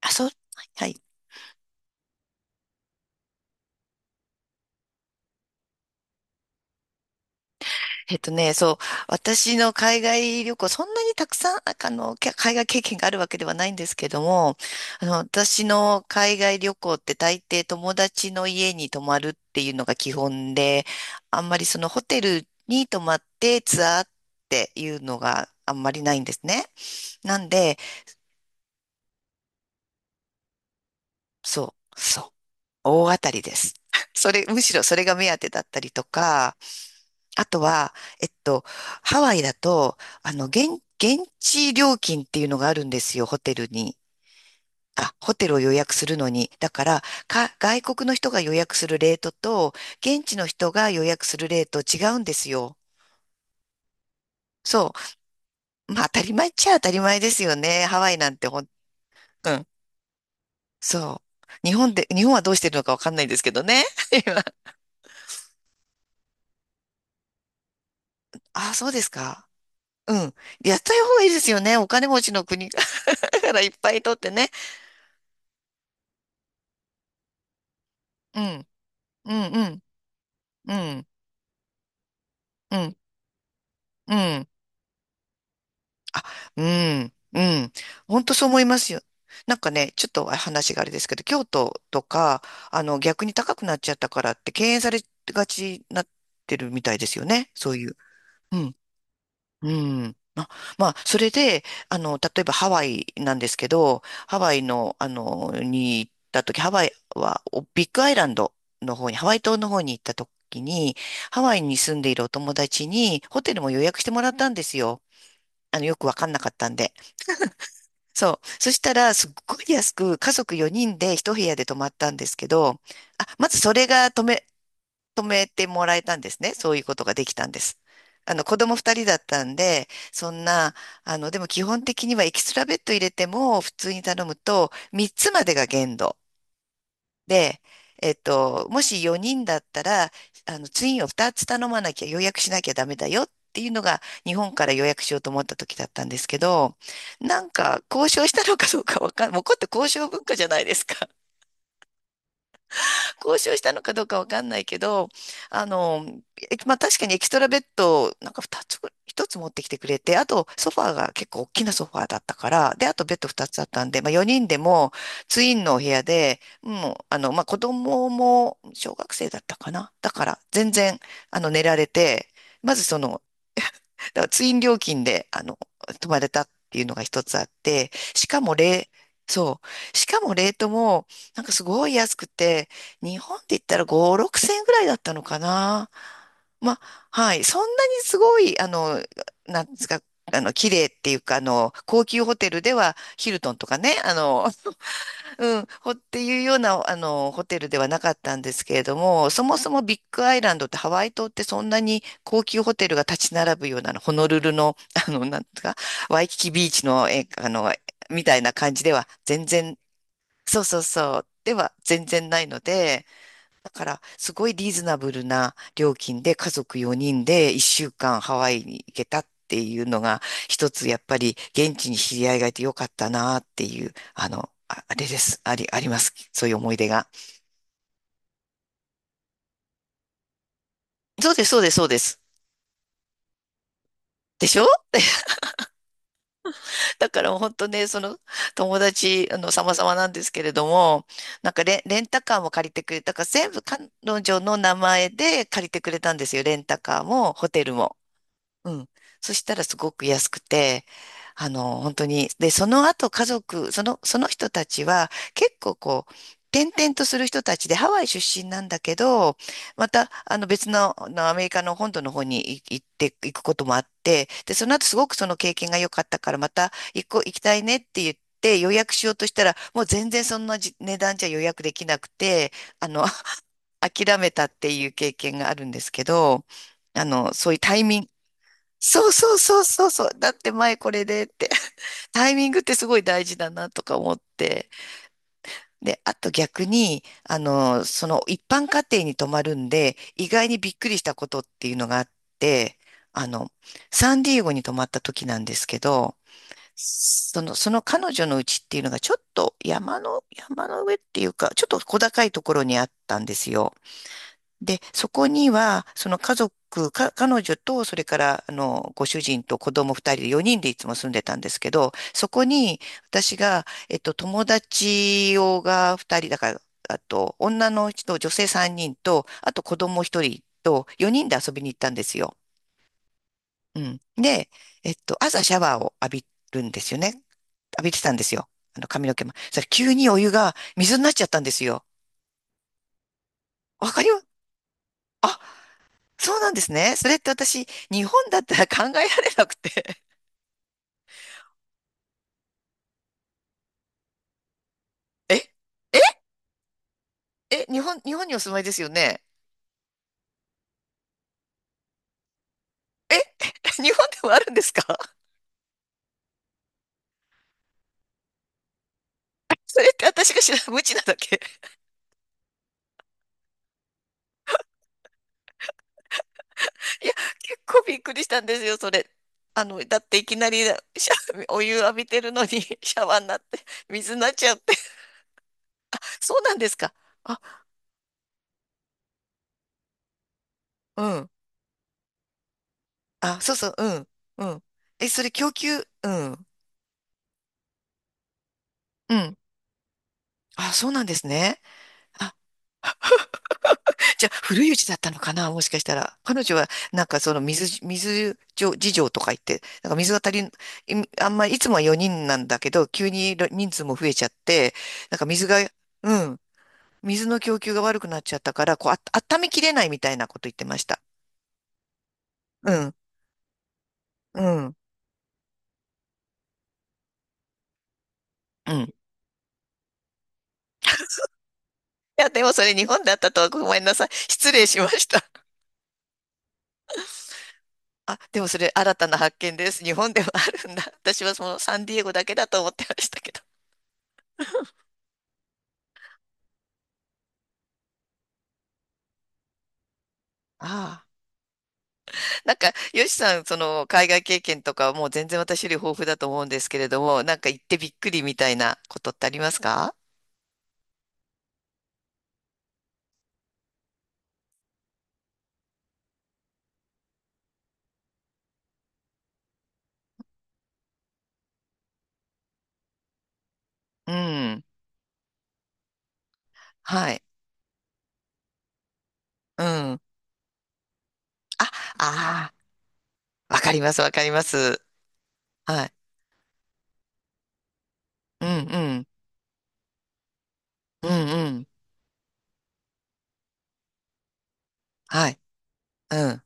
あ、そう、はい。そう、私の海外旅行、そんなにたくさん、海外経験があるわけではないんですけども、私の海外旅行って大抵友達の家に泊まるっていうのが基本で、あんまりそのホテルに泊まってツアーっていうのがあんまりないんですね。なんで、そう、そう、大当たりです。それ、むしろそれが目当てだったりとか、あとは、えっと、ハワイだと、現地料金っていうのがあるんですよ、ホテルに。あ、ホテルを予約するのに。だから、外国の人が予約するレートと、現地の人が予約するレート違うんですよ。そう。まあ、当たり前っちゃ当たり前ですよね。ハワイなんてうん。そう。日本はどうしてるのかわかんないですけどね。今あ、そうですか。うん。やった方がいいですよね。お金持ちの国 からいっぱい取ってね。うん。うんうん。うん、うん、うん。あ、うん、うん。本当そう思いますよ。なんかね、ちょっと話があれですけど、京都とか、逆に高くなっちゃったからって敬遠されがちになってるみたいですよね。そういう。うん、うん。あ、まあ、それで、例えばハワイなんですけど、ハワイの、に行った時、ハワイは、ビッグアイランドの方に、ハワイ島の方に行った時に、ハワイに住んでいるお友達に、ホテルも予約してもらったんですよ。よくわかんなかったんで。そう。そしたら、すっごい安く、家族4人で一部屋で泊まったんですけど、あ、まずそれが止めてもらえたんですね。そういうことができたんです。子供2人だったんで、そんな、でも基本的にはエキストラベッド入れても、普通に頼むと、3つまでが限度。で、もし4人だったら、ツインを2つ頼まなきゃ予約しなきゃダメだよっていうのが、日本から予約しようと思った時だったんですけど、なんか、交渉したのかどうかわかん、もうこれって交渉文化じゃないですか。交渉したのかどうかわかんないけど、あの、まあ確かにエキストラベッドをなんか2つ1つ持ってきてくれて、あとソファーが結構大きなソファーだったから、で、あとベッド2つあったんで、まあ4人でもツインのお部屋で、もう、まあ子供も小学生だったかな。だから全然、寝られて、まずそのだからツイン料金で、泊まれたっていうのが一つあって、しかもレ、そう。しかもレートも、なんかすごい安くて、日本で言ったら5、6千円ぐらいだったのかな。まあ、はい。そんなにすごい、なんですか、綺麗っていうか、高級ホテルでは、ヒルトンとかね、うん、ほっていうような、ホテルではなかったんですけれども、そもそもビッグアイランドってハワイ島ってそんなに高級ホテルが立ち並ぶような、のホノルルの、なんとか、ワイキキビーチの、え、みたいな感じでは全然、そうそうそう、では全然ないので、だから、すごいリーズナブルな料金で家族4人で1週間ハワイに行けたっていうのが、一つやっぱり現地に知り合いがいてよかったなっていう、あ、あれです。あります。そういう思い出が。そうです、そうです、そうです。でしょだからもう本当ね、その友達、様々なんですけれども、なんかレンタカーも借りてくれたから、全部彼女の名前で借りてくれたんですよ。レンタカーもホテルも。うん。そしたらすごく安くて、本当に、で、その後家族、その人たちは結構こう、転々とする人たちでハワイ出身なんだけど、また、あの別の、あのアメリカの本土の方に行って行くこともあって、で、その後すごくその経験が良かったから、また行こう、行きたいねって言って、予約しようとしたら、もう全然そんなじ値段じゃ予約できなくて、あの、諦めたっていう経験があるんですけど、そういうタイミンそうそうそうそうそう。だって前これでって。タイミングってすごい大事だなとか思って。で、あと逆に、その一般家庭に泊まるんで、意外にびっくりしたことっていうのがあって、あの、サンディエゴに泊まった時なんですけど、その、その彼女の家っていうのがちょっと山の上っていうか、ちょっと小高いところにあったんですよ。で、そこには、その家族、彼女と、それから、ご主人と子供二人で、四人でいつも住んでたんですけど、そこに、私が、友達をが二人、だから、あと、女の人、女性三人と、あと子供一人と、四人で遊びに行ったんですよ。うん。で、朝シャワーを浴びるんですよね。浴びてたんですよ。髪の毛も。それ、急にお湯が水になっちゃったんですよ。わかります。そうなんですね。それって私、日本だったら考えられなくて。えええ、日本にお住まいですよね？え 日本でもあるんですか？ それって私が知らない、無知なだけ。いや、結構びっくりしたんですよ、それ。だっていきなり お湯浴びてるのに シャワーになって、水になっちゃって。そうなんですか？あ、うん。あ、そうそう、うん、うん。え、それ供給、うん、うん。あ、そうなんですね。じゃあ、古いうちだったのかな、もしかしたら。彼女は、なんかその水事情とか言って、なんか水が足りん、あんまりいつもは4人なんだけど、急に人数も増えちゃって、なんか水が、うん、水の供給が悪くなっちゃったから、こう、あ、温めきれないみたいなこと言ってました。うん、うん、うん。いや、でもそれ日本だったとはごめんなさい。失礼しました。あ、でもそれ新たな発見です。日本でもあるんだ。私はそのサンディエゴだけだと思ってましたけど。ああ。なんか、よしさん、その、海外経験とかはもう全然私より豊富だと思うんですけれども、なんか行ってびっくりみたいなことってありますか？うん。はい。うん。あ、ああ、わかります、わかります。はい。うん、うん。うん、うん。はい。うん。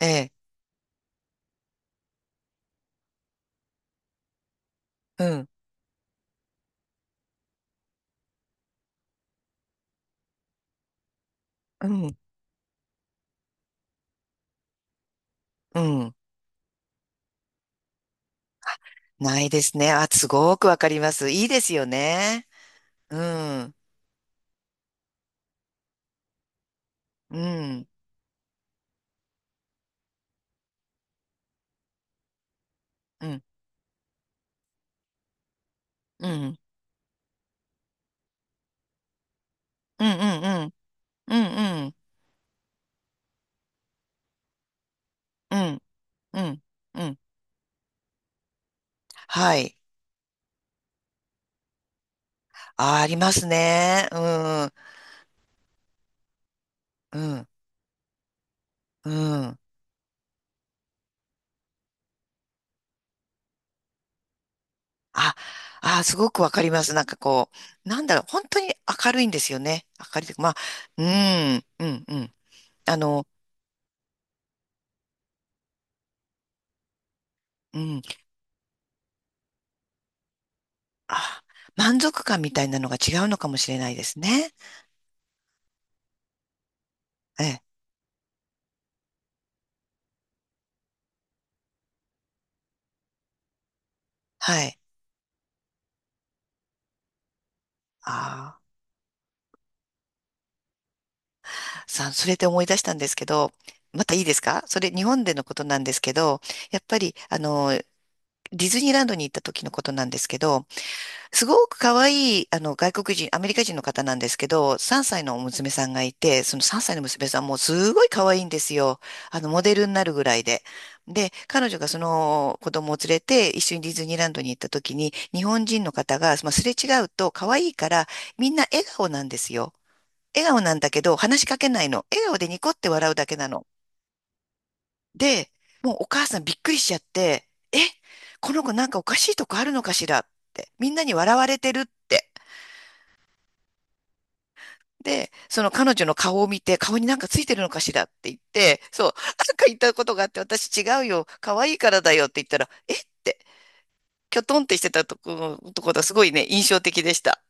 ええ。うん、うん、うん。ないですね。あ、すごくわかります。いいですよね。うん、うん、うん、うん、うん、うん、うん、うん、うん、うん、うん。うん、はい。あ、ありますね。うん、うん、うん。あ、あ、すごくわかります。なんかこう、なんだろう、本当に明るいんですよね。明るいというか、まあ、うん、うん、うん。あの、うん、あ、満足感みたいなのが違うのかもしれないですね。ええ、はい。ああ、さあ、それで思い出したんですけど、またいいですか？それ、日本でのことなんですけど、やっぱり、ディズニーランドに行った時のことなんですけど、すごく可愛い、外国人、アメリカ人の方なんですけど、3歳の娘さんがいて、その3歳の娘さんもすごい可愛いんですよ。モデルになるぐらいで。で、彼女がその子供を連れて一緒にディズニーランドに行った時に、日本人の方が、まあ、すれ違うと可愛いから、みんな笑顔なんですよ。笑顔なんだけど、話しかけないの。笑顔でニコって笑うだけなの。で、もうお母さんびっくりしちゃって、え、この子なんかおかしいとこあるのかしらって、みんなに笑われてるって。で、その彼女の顔を見て、顔になんかついてるのかしらって言って、そう、なんか言ったことがあって、私違うよ、可愛いからだよって言ったら、えって、きょとんってしてたところがすごいね、印象的でした。